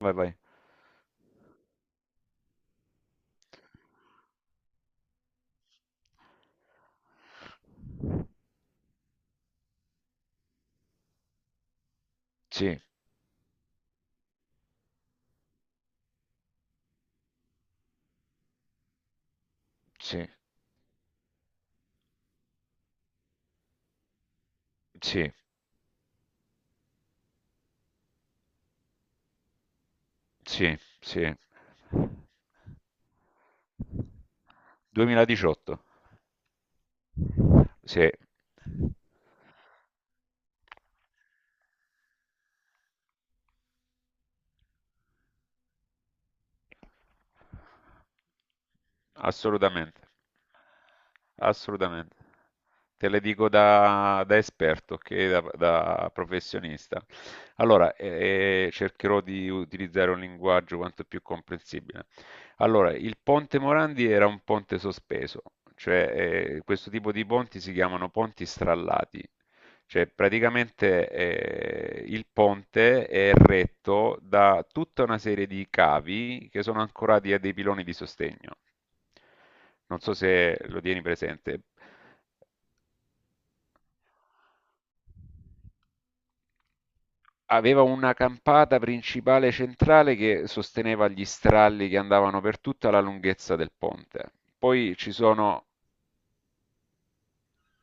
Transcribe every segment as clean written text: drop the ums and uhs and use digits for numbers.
Vai, vai. Sì, sì, sì, sì, sì. 2018. Sì, assolutamente, assolutamente. Te le dico da esperto che da professionista. Allora, cercherò di utilizzare un linguaggio quanto più comprensibile. Allora, il ponte Morandi era un ponte sospeso, cioè questo tipo di ponti si chiamano ponti strallati. Cioè, praticamente il ponte è retto da tutta una serie di cavi che sono ancorati a dei piloni di sostegno. Non so se lo tieni presente. Aveva una campata principale centrale che sosteneva gli stralli che andavano per tutta la lunghezza del ponte. Poi ci sono.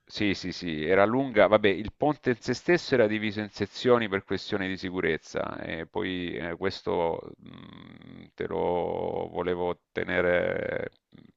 Sì, sì, sì, era lunga, vabbè, il ponte in sé stesso era diviso in sezioni per questioni di sicurezza e poi questo te lo volevo tenere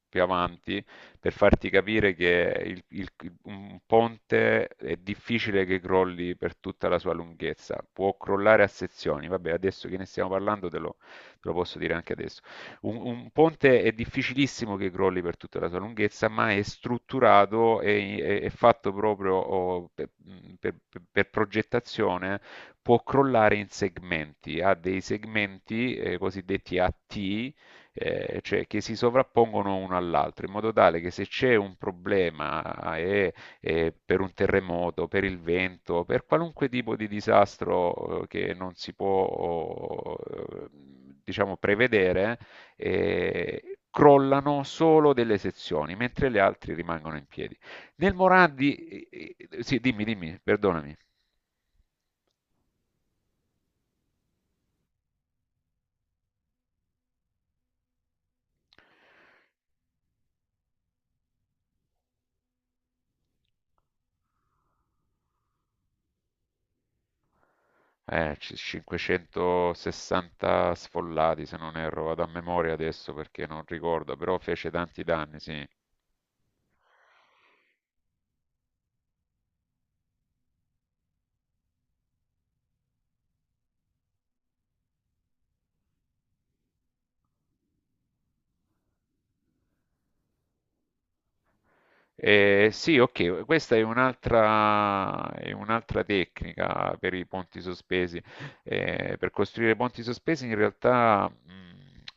più avanti per farti capire che un ponte è difficile che crolli per tutta la sua lunghezza, può crollare a sezioni. Vabbè, adesso che ne stiamo parlando te lo posso dire anche adesso, un ponte è difficilissimo che crolli per tutta la sua lunghezza, ma è strutturato e è fatto proprio oh, per, per- progettazione, può crollare in segmenti, ha dei segmenti cosiddetti a T, cioè che si sovrappongono uno all'altro, in modo tale che se c'è un problema per un terremoto, per il vento, per qualunque tipo di disastro che non si può, diciamo, prevedere, crollano solo delle sezioni, mentre le altre rimangono in piedi. Nel Morandi. Sì, dimmi, dimmi, perdonami. 560 sfollati, se non erro, vado a memoria adesso perché non ricordo, però fece tanti danni, sì. Sì, ok, questa è un'altra tecnica per i ponti sospesi. Per costruire ponti sospesi in realtà,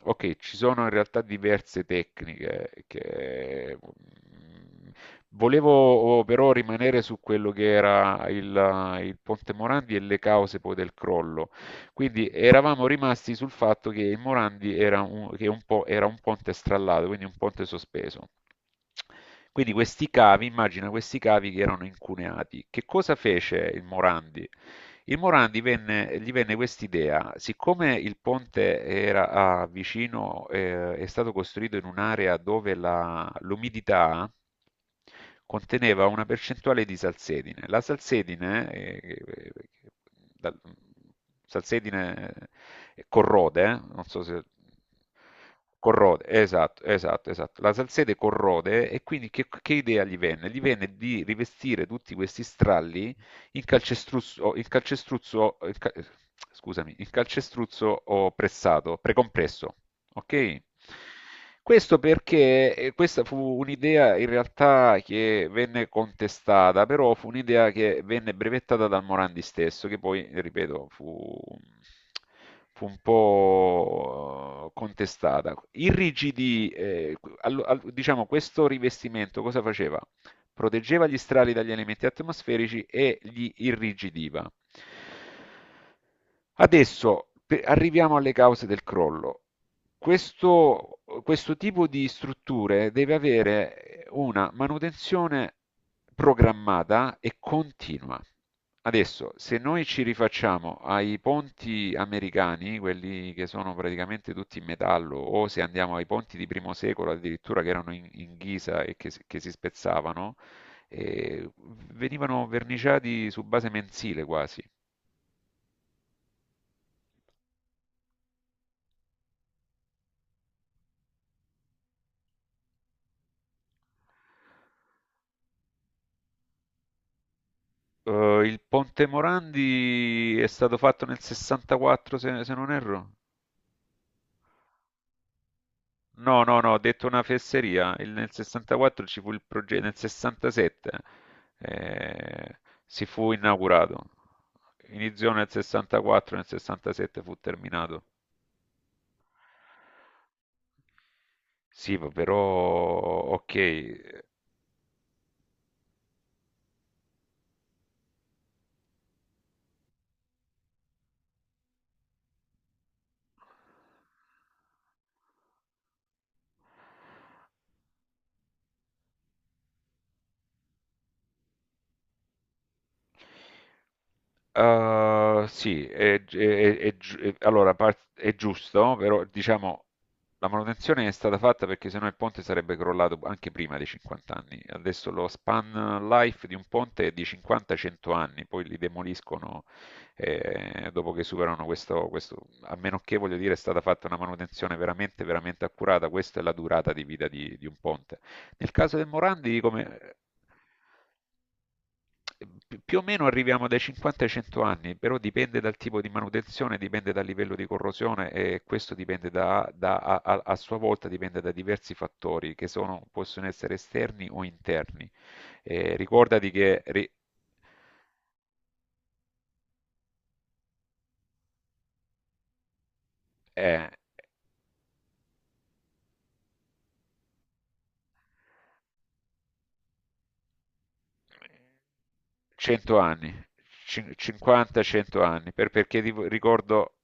ok, ci sono in realtà diverse tecniche che... volevo oh, però rimanere su quello che era il Ponte Morandi e le cause poi del crollo. Quindi eravamo rimasti sul fatto che il Morandi era che un po', era un ponte strallato, quindi un ponte sospeso. Quindi questi cavi, immagina questi cavi che erano incuneati. Che cosa fece il Morandi? Il Moran divenne Gli venne quest'idea: siccome il ponte era vicino, è stato costruito in un'area dove l'umidità conteneva una percentuale di salsedine. La salsedine, eh, da- salsedine corrode, non so se... Corrode, esatto, esatto, esatto. La salsete corrode e quindi che idea gli venne? Gli venne di rivestire tutti questi stralli il calcestruzzo, il calcestruzzo, il ca- scusami, il calcestruzzo o pressato, precompresso, ok? Questo perché questa fu un'idea in realtà che venne contestata, però fu un'idea che venne brevettata dal Morandi stesso, che poi, ripeto, fu un po' contestata. Irrigidì, diciamo, questo rivestimento cosa faceva? Proteggeva gli strali dagli elementi atmosferici e li irrigidiva. Adesso arriviamo alle cause del crollo. Questo tipo di strutture deve avere una manutenzione programmata e continua. Adesso, se noi ci rifacciamo ai ponti americani, quelli che sono praticamente tutti in metallo, o se andiamo ai ponti di primo secolo addirittura che erano in ghisa e che si spezzavano, eh, venivano verniciati su base mensile quasi. Il Ponte Morandi è stato fatto nel 64, se non erro. No, no, no, ho detto una fesseria. Nel 64 ci fu il progetto, nel 67 eh, si fu inaugurato. Iniziò nel 64, nel 67 fu terminato. Sì, però, ok. Sì, è gi- è- allora par- è giusto, però diciamo la manutenzione è stata fatta perché sennò il ponte sarebbe crollato anche prima dei 50 anni. Adesso lo span life di un ponte è di 50-100 anni, poi li demoliscono dopo che superano a meno che voglio dire è stata fatta una manutenzione veramente, veramente accurata, questa è la durata di vita di un ponte. Nel caso del Morandi, come... Più o meno arriviamo dai 50 ai 100 anni, però dipende dal tipo di manutenzione, dipende dal livello di corrosione e questo dipende a sua volta dipende da diversi fattori possono essere esterni o interni. Ricordati che eh, 100 anni, 50-100 anni, perché ricordo.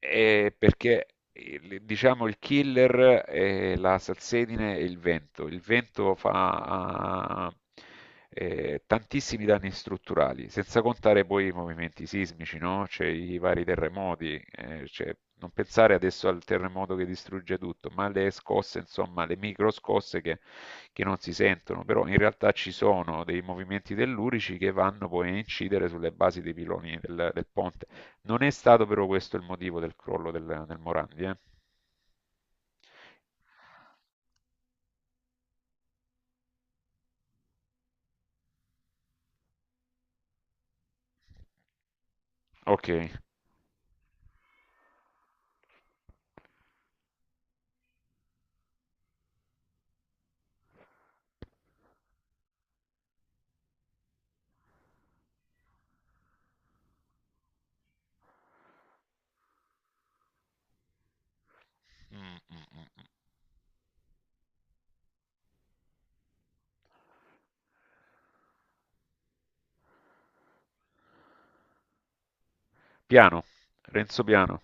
Perché diciamo il killer è la salsedine e il vento. Il vento fa tantissimi danni strutturali, senza contare poi i movimenti sismici, no? C'è I vari terremoti, non pensare adesso al terremoto che distrugge tutto, ma alle scosse, insomma, le micro scosse che non si sentono, però in realtà ci sono dei movimenti tellurici che vanno poi a incidere sulle basi dei piloni del ponte. Non è stato però questo il motivo del crollo del Morandi, eh. Ok. Mm, mm, mm. Piano, Renzo Piano.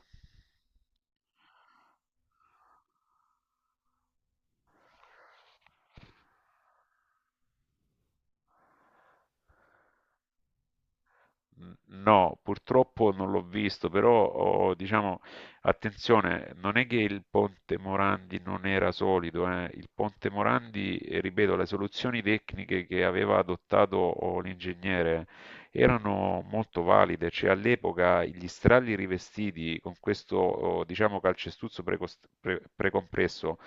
No, purtroppo non l'ho visto, però oh, diciamo, attenzione, non è che il ponte Morandi non era solido, eh. Il ponte Morandi, ripeto, le soluzioni tecniche che aveva adottato oh, l'ingegnere erano molto valide, cioè all'epoca gli strali rivestiti con questo, oh, diciamo, calcestuzzo precompresso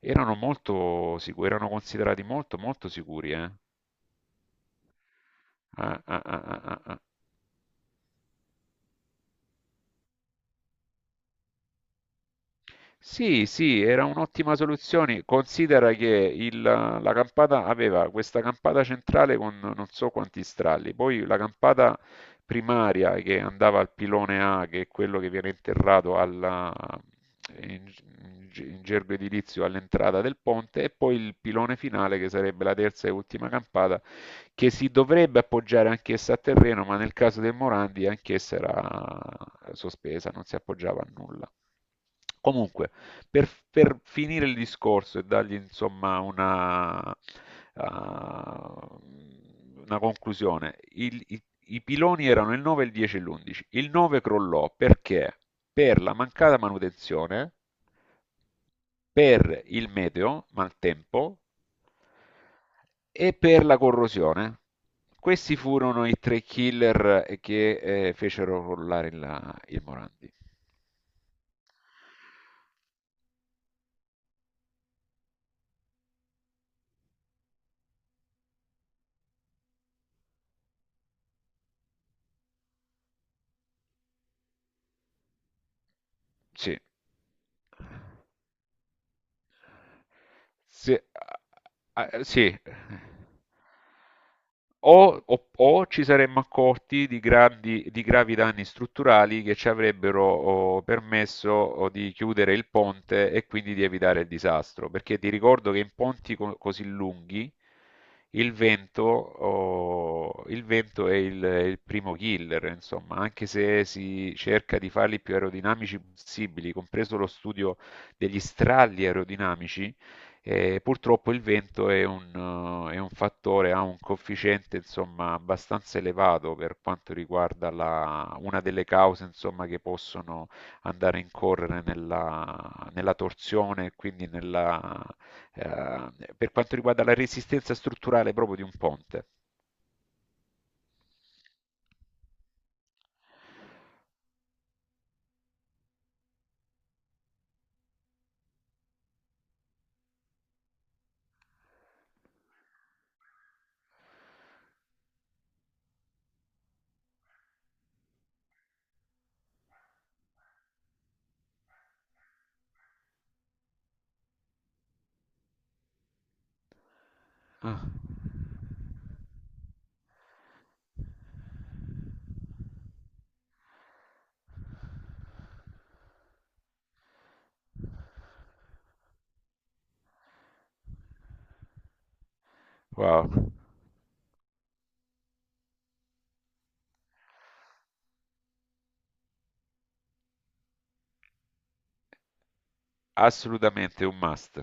erano molto sicuri, erano considerati molto molto sicuri, eh. Ah, ah, ah, ah, ah, ah. Sì, sì, era un'ottima soluzione. Considera che la campata aveva questa campata centrale con non so quanti stralli, poi la campata primaria che andava al pilone A, che è quello che viene interrato in, in gergo edilizio all'entrata del ponte, e poi il pilone finale che sarebbe la terza e ultima campata, che si dovrebbe appoggiare anch'essa a terreno, ma nel caso del Morandi anch'essa era sospesa, non si appoggiava a nulla. Comunque, per finire il discorso e dargli insomma ah, una conclusione, i piloni erano il 9, il 10 e l'11. Il 9 crollò perché? Per la mancata manutenzione, per il meteo, maltempo, e per la corrosione. Questi furono i tre killer che fecero crollare il Morandi. Sì. Sì, ah, ah, sì. O ci saremmo accorti di di gravi danni strutturali che ci avrebbero oh, permesso oh, di chiudere il ponte e quindi di evitare il disastro. Perché ti ricordo che in ponti così lunghi il vento è il primo killer, insomma, anche se si cerca di farli più aerodinamici possibili, compreso lo studio degli stralli aerodinamici. E purtroppo il vento è è un fattore, ha un coefficiente insomma abbastanza elevato per quanto riguarda una delle cause insomma che possono andare a incorrere nella torsione e quindi eh, per quanto riguarda la resistenza strutturale proprio di un ponte. Ah, wow, assolutamente un must.